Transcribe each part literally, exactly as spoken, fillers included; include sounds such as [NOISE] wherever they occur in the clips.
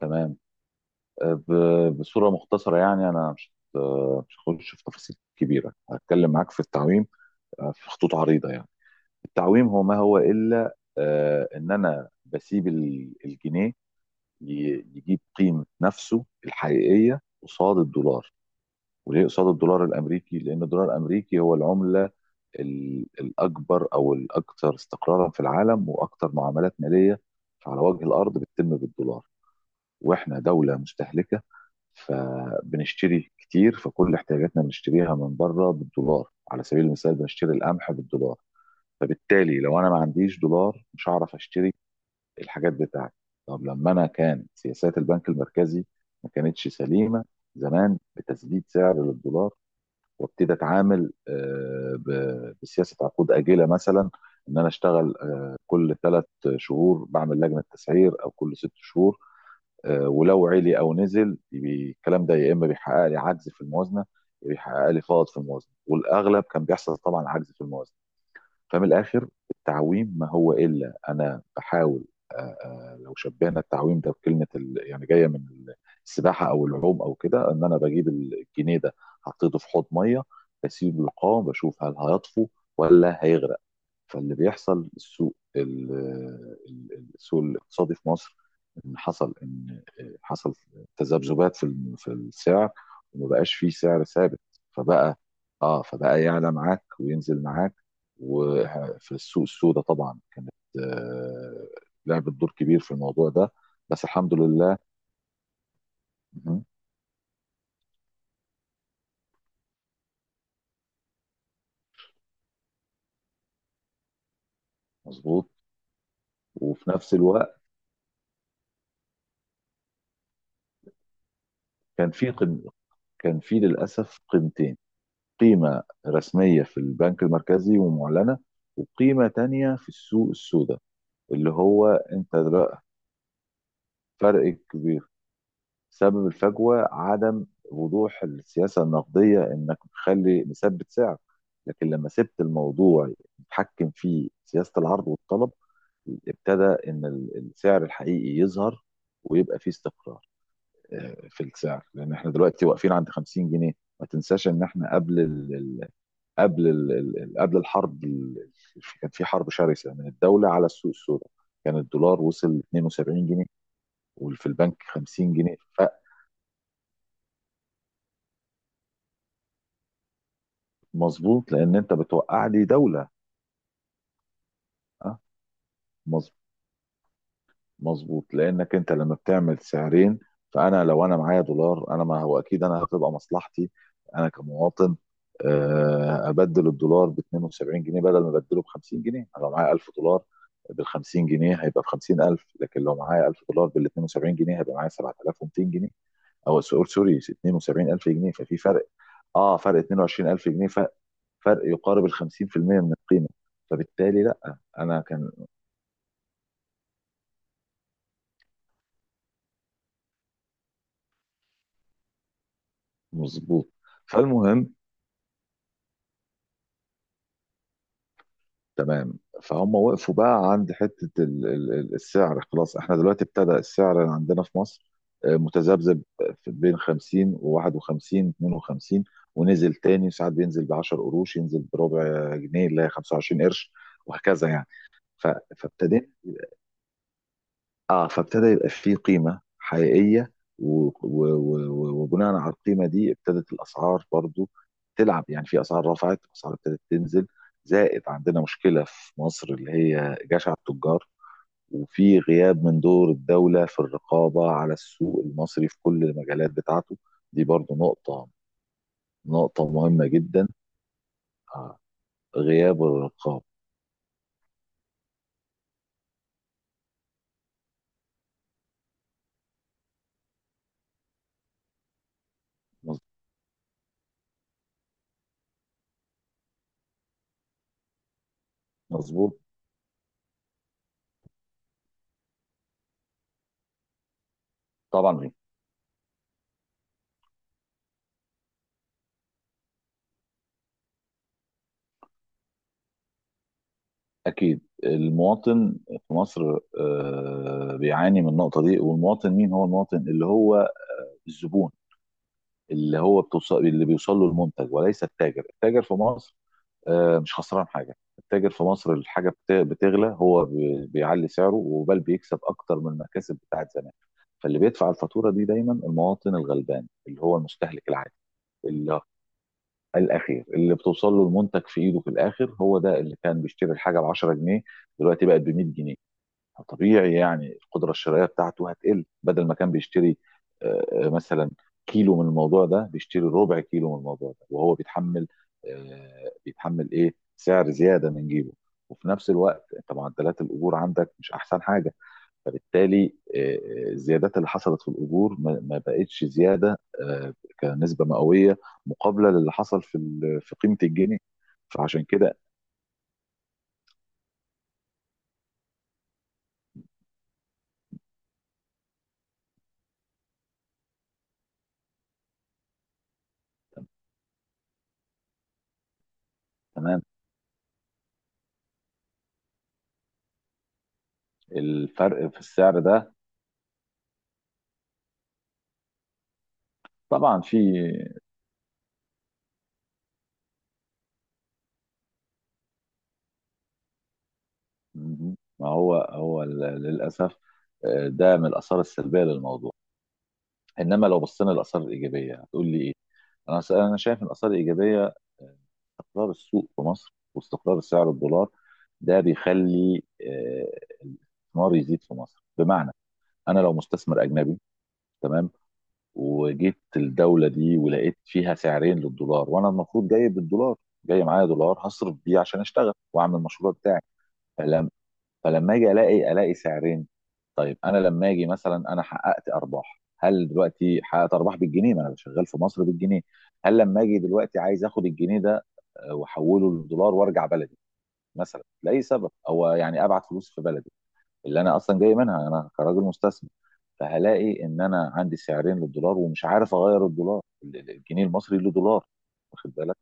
تمام. آه، ب- بصورة مختصرة يعني، أنا مش آه، مش هخش في تفاصيل كبيرة. هتكلم معاك في التعويم آه، في خطوط عريضة يعني. التعويم هو ما هو إلا آه، إن أنا بسيب ال- الجنيه ي- يجيب قيمة نفسه الحقيقية قصاد الدولار. وليه قصاد الدولار الأمريكي؟ لأن الدولار الأمريكي هو العملة ال- الأكبر أو الأكثر استقرارا في العالم، وأكثر معاملات مالية على وجه الأرض بتتم بالدولار. واحنا دولة مستهلكة، فبنشتري كتير، فكل احتياجاتنا بنشتريها من بره بالدولار. على سبيل المثال بنشتري القمح بالدولار. فبالتالي لو انا ما عنديش دولار مش هعرف اشتري الحاجات بتاعتي. طب لما انا، كان سياسات البنك المركزي ما كانتش سليمه زمان، بتسديد سعر للدولار. وابتدي اتعامل آه، ب- بسياسه عقود اجله مثلا، ان انا اشتغل آه، كل ثلاث شهور بعمل لجنه تسعير، او كل ست شهور. آه، ولو علي او نزل يبي الكلام ده، يا اما بيحقق لي عجز في الموازنه، يا بيحقق لي فائض في الموازنه، والاغلب كان بيحصل طبعا عجز في الموازنه. فمن الاخر، التعويم ما هو الا انا بحاول. آه، آه، لو شبهنا التعويم ده بكلمه ال- يعني جايه من السباحه او العوم او كده، ان انا بجيب الجنيه ده حطيته في حوض ميه، بسيبه يقام بشوف هل هيطفو ولا هيغرق. فاللي بيحصل، السوق ال- ال- السوق الاقتصادي في مصر، ان حصل ان حصل تذبذبات في الم- في السعر، وما بقاش فيه سعر ثابت. فبقى اه فبقى يعلى معاك وينزل معاك. وفي السوق السوداء طبعا، كانت آه، لعبت دور كبير في الموضوع ده. بس الحمد لله. مهم. مظبوط. وفي نفس الوقت كان في قم... كان في للاسف قيمتين: قيمة رسمية في البنك المركزي ومعلنة، وقيمة تانية في السوق السوداء. اللي هو انت در- فرق كبير. سبب الفجوة عدم وضوح السياسة النقدية، انك بتخلي مثبت سعر. لكن لما سبت الموضوع يتحكم فيه سياسة العرض والطلب، ابتدى ان ال- السعر الحقيقي يظهر، ويبقى فيه استقرار آه، في السعر. لان احنا دلوقتي واقفين عند خمسين جنيه. ما تنساش ان احنا قبل ال- قبل ال- ال- ال- قبل الحرب، ال- كان في حرب شرسة من الدولة على السوق السوداء. كان الدولار وصل اثنين وسبعين جنيه، وفي البنك خمسين جنيه. فمظبوط، لأن أنت بتوقع لي دولة. أه؟ مظبوط. لانك انت لما بتعمل سعرين، فانا لو انا معايا دولار، انا ما هو اكيد انا هتبقى مصلحتي، انا كمواطن، آه، ابدل الدولار ب اثنين وسبعين جنيه بدل ما ابدله ب خمسين جنيه. انا لو معايا ألف دولار بال خمسين جنيه هيبقى ب خمسين ألف، لكن لو معايا ألف دولار بال اتنين وسبعين جنيه هيبقى معايا سبعة آلاف ومئتين جنيه. او سوري سوري، اثنين وسبعين ألف جنيه. ففي فرق. اه، فرق اثنين وعشرين ألف جنيه. فرق فرق يقارب ال خمسين في المية من القيمه. فبالتالي لا انا كان. مظبوط. فالمهم، تمام، فهم وقفوا بقى عند حتة ال- ال- ال- السعر. خلاص، احنا دلوقتي ابتدى السعر عندنا في مصر آه، متذبذب آه، في بين خمسين و51، اثنين وخمسين، ونزل تاني. ساعات بينزل ب 10 قروش، ينزل بربع جنيه اللي هي خمسة وعشرين قرش، وهكذا يعني. ف- فابتدينا. اه فابتدى يبقى فيه قيمة حقيقية. و... و... و... و- وبناء على القيمة دي، ابتدت الأسعار برضو تلعب، يعني في أسعار رفعت، أسعار ابتدت تنزل. زائد عندنا مشكلة في مصر، اللي هي جشع التجار، وفي غياب من دور الدولة في الرقابة على السوق المصري في كل المجالات بتاعته. دي برضو نقطة، نقطة مهمة جدا. آه. غياب الرقابة. مظ- مظبوط. طبعا، أكيد. المواطن في مصر آه، بيعاني من النقطة دي. والمواطن مين؟ هو المواطن اللي هو الزبون، اللي هو بتوصل اللي بيوصل له المنتج، وليس التاجر. التاجر في مصر آه، مش خسران حاجة. التاجر في مصر الحاجة بت- بتغلى، هو بي- بيعلي سعره، وبل بيكسب أكتر من المكاسب بتاعت زمان. فاللي بيدفع الفاتورة دي دايما المواطن الغلبان، اللي هو المستهلك العادي، اللي الأخير، اللي بتوصل له المنتج في إيده في الآخر. هو ده اللي كان بيشتري الحاجة ب عشرة جنيه، دلوقتي بقت ب مئة جنيه. طبيعي يعني القدره الشرائيه بتاعته هتقل. بدل ما كان بيشتري آه، آه، مثلا كيلو من الموضوع ده، بيشتري ربع كيلو من الموضوع ده، وهو بيتحمل آه، بيتحمل ايه، سعر زياده من جيبه. وفي نفس الوقت انت معدلات الاجور عندك مش احسن حاجه. فبالتالي آه، آه، الزيادات اللي حصلت في الاجور ما ما بقتش زياده آه، كنسبه مئويه مقابله للي حصل في ال- في قيمه الجنيه. فعشان كده. تمام. الفرق في السعر ده. طبعا. في مم. ما هو هو ل- للأسف آه، ده من الآثار السلبية للموضوع. إنما لو بصينا للآثار الإيجابية، هتقول لي إيه؟ أنا س- أنا شايف إن الآثار الإيجابية، آه، استقرار السوق في مصر واستقرار سعر الدولار. ده بيخلي آه، الاستثمار يزيد في مصر، بمعنى أنا لو مستثمر أجنبي، تمام، وجيت الدولة دي ولقيت فيها سعرين للدولار، وأنا المفروض جاي بالدولار، جاي معايا دولار هصرف بيه عشان أشتغل وأعمل المشروع بتاعي. فلما اجي، الاقي الاقي سعرين. طيب انا لما اجي مثلا انا حققت ارباح، هل دلوقتي حققت ارباح بالجنيه؟ ما انا شغال في مصر بالجنيه. هل لما اجي دلوقتي عايز اخد الجنيه ده آه، واحوله للدولار وارجع بلدي، مثلا لاي سبب، او يعني ابعت فلوس في بلدي اللي انا اصلا جاي منها، انا كراجل مستثمر؟ فهلاقي ان انا عندي سعرين للدولار، ومش عارف اغير الدولار، ال- ال- الجنيه المصري له دولار، واخد بالك.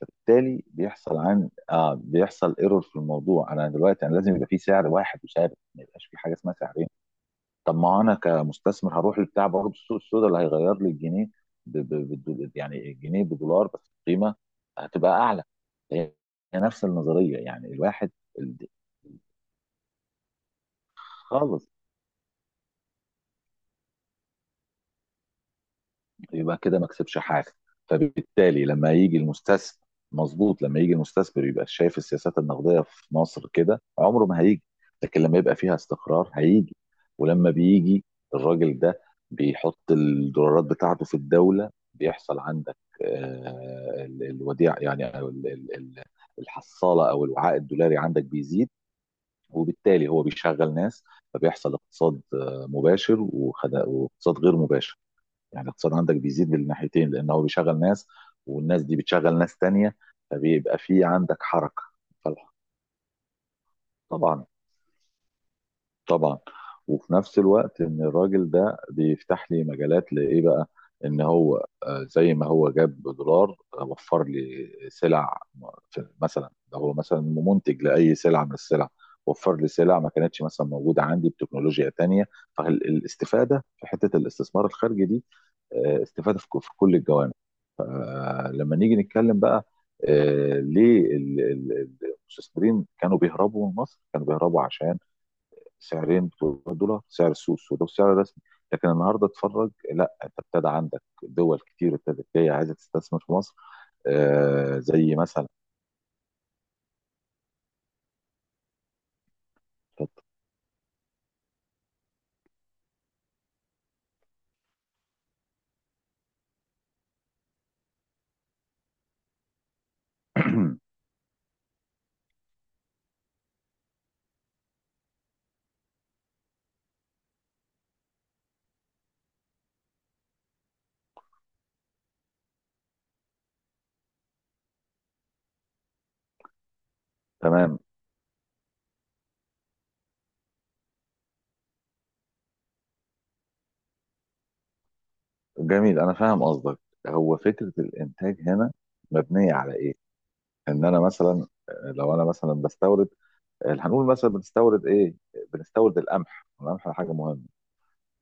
فبالتالي بيحصل عن اه بيحصل ايرور في الموضوع. انا دلوقتي انا لازم يبقى في سعر واحد وثابت، ما يبقاش في حاجه اسمها سعرين. طب ما انا كمستثمر هروح لبتاع برضه السوق السوداء اللي هيغير لي الجنيه ب... ب... ب... يعني الجنيه بدولار، بس القيمه هتبقى اعلى. هي هي نفس النظريه، يعني الواحد. ال- خالص. يبقى كده ما كسبش حاجه. فبالتالي لما يجي المستثمر. مظبوط. لما يجي المستثمر يبقى شايف السياسات النقديه في مصر كده، عمره ما هيجي. لكن لما يبقى فيها استقرار هيجي. ولما بيجي الراجل ده بيحط الدولارات بتاعته في الدوله، بيحصل عندك آه، ال- الوديعه يعني، أو ال- ال- ال- الحصاله او الوعاء الدولاري عندك بيزيد. وبالتالي هو بيشغل ناس، فبيحصل اقتصاد آه، مباشر وخد- واقتصاد غير مباشر. يعني الاقتصاد عندك بيزيد بالناحيتين، لان هو بيشغل ناس، والناس دي بتشغل ناس تانية. فبيبقى في عندك حركة. فالح- طبعا، طبعا. وفي نفس الوقت، ان الراجل ده بيفتح لي مجالات لايه بقى؟ ان هو آه، زي ما هو جاب دولار، آه، وفر لي سلع. م- في- مثلا، ده هو مثلا منتج لاي سلعة من السلع، وفر لي سلع ما كانتش مثلا موجودة عندي، بتكنولوجيا تانية. فالاستفادة في حتة الاستثمار الخارجي دي آه، استفادة في ك- في كل الجوانب. آه، لما نيجي نتكلم بقى آه، ليه ال- ال- ال- المستثمرين كانوا بيهربوا من مصر؟ كانوا بيهربوا عشان سعرين بتوع الدولار، سعر السوق السوداء والسعر الرسمي، لكن النهارده اتفرج، لا، انت ابتدى عندك دول كتير ابتدت جايه عايزه تستثمر في مصر، آه، زي مثلا [CLEARS THROAT] تمام. جميل، انا فاهم قصدك. هو فكره الانتاج هنا مبنيه على ايه؟ ان انا مثلا آه، لو انا مثلا بستورد آه، هنقول مثلا بنستورد ايه؟ بنستورد القمح. القمح حاجه مهمه.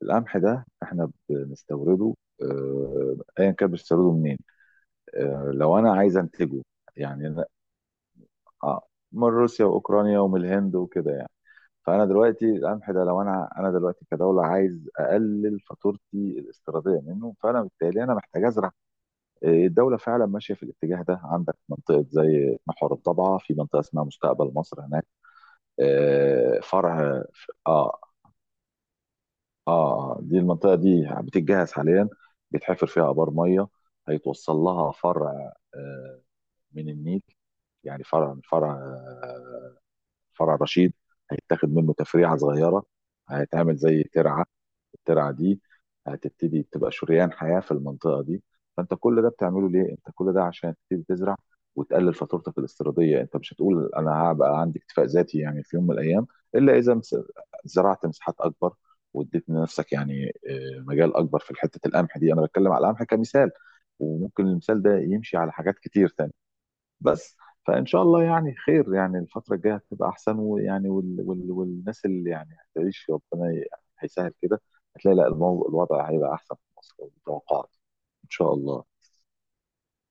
القمح ده احنا بنستورده آه، ايا كان بنستورده منين. آه، لو انا عايز انتجه، يعني أنا- آه، من روسيا واوكرانيا ومن الهند وكده يعني. فانا دلوقتي القمح ده، لو انا انا دلوقتي كدوله عايز اقلل فاتورتي الاستيراديه منه، فانا بالتالي انا محتاج ازرع. آه، الدوله فعلا ماشيه في الاتجاه ده. عندك منطقه زي محور الضبعه، في منطقه اسمها مستقبل مصر هناك. آه، فرع. اه. اه، دي المنطقه دي بتتجهز حاليا، بيتحفر فيها ابار ميه، هيتوصل لها فرع آه، من النيل، يعني فرع من فرع، آه، فرع رشيد، هيتاخد منه تفريعه صغيره، هيتعمل زي ترعه. الترعه دي هتبتدي تبقى شريان حياه في المنطقه دي. فانت كل ده بتعمله ليه؟ انت كل ده عشان تبتدي تزرع وتقلل فاتورتك الاستيراديه. انت مش هتقول انا هبقى عندي اكتفاء ذاتي يعني في يوم من الايام، الا اذا مس- زرعت مساحات اكبر، واديت لنفسك يعني آه، مجال اكبر في حته القمح دي. انا بتكلم على القمح كمثال، وممكن المثال ده يمشي على حاجات كتير تانية. بس فان شاء الله يعني خير، يعني الفتره الجايه هتبقى احسن، ويعني وال وال والناس اللي يعني هتعيش، ربنا ي- هيسهل كده، هتلاقي، لا، المو- الوضع هيبقى احسن في مصر، والتوقعات ان شاء الله.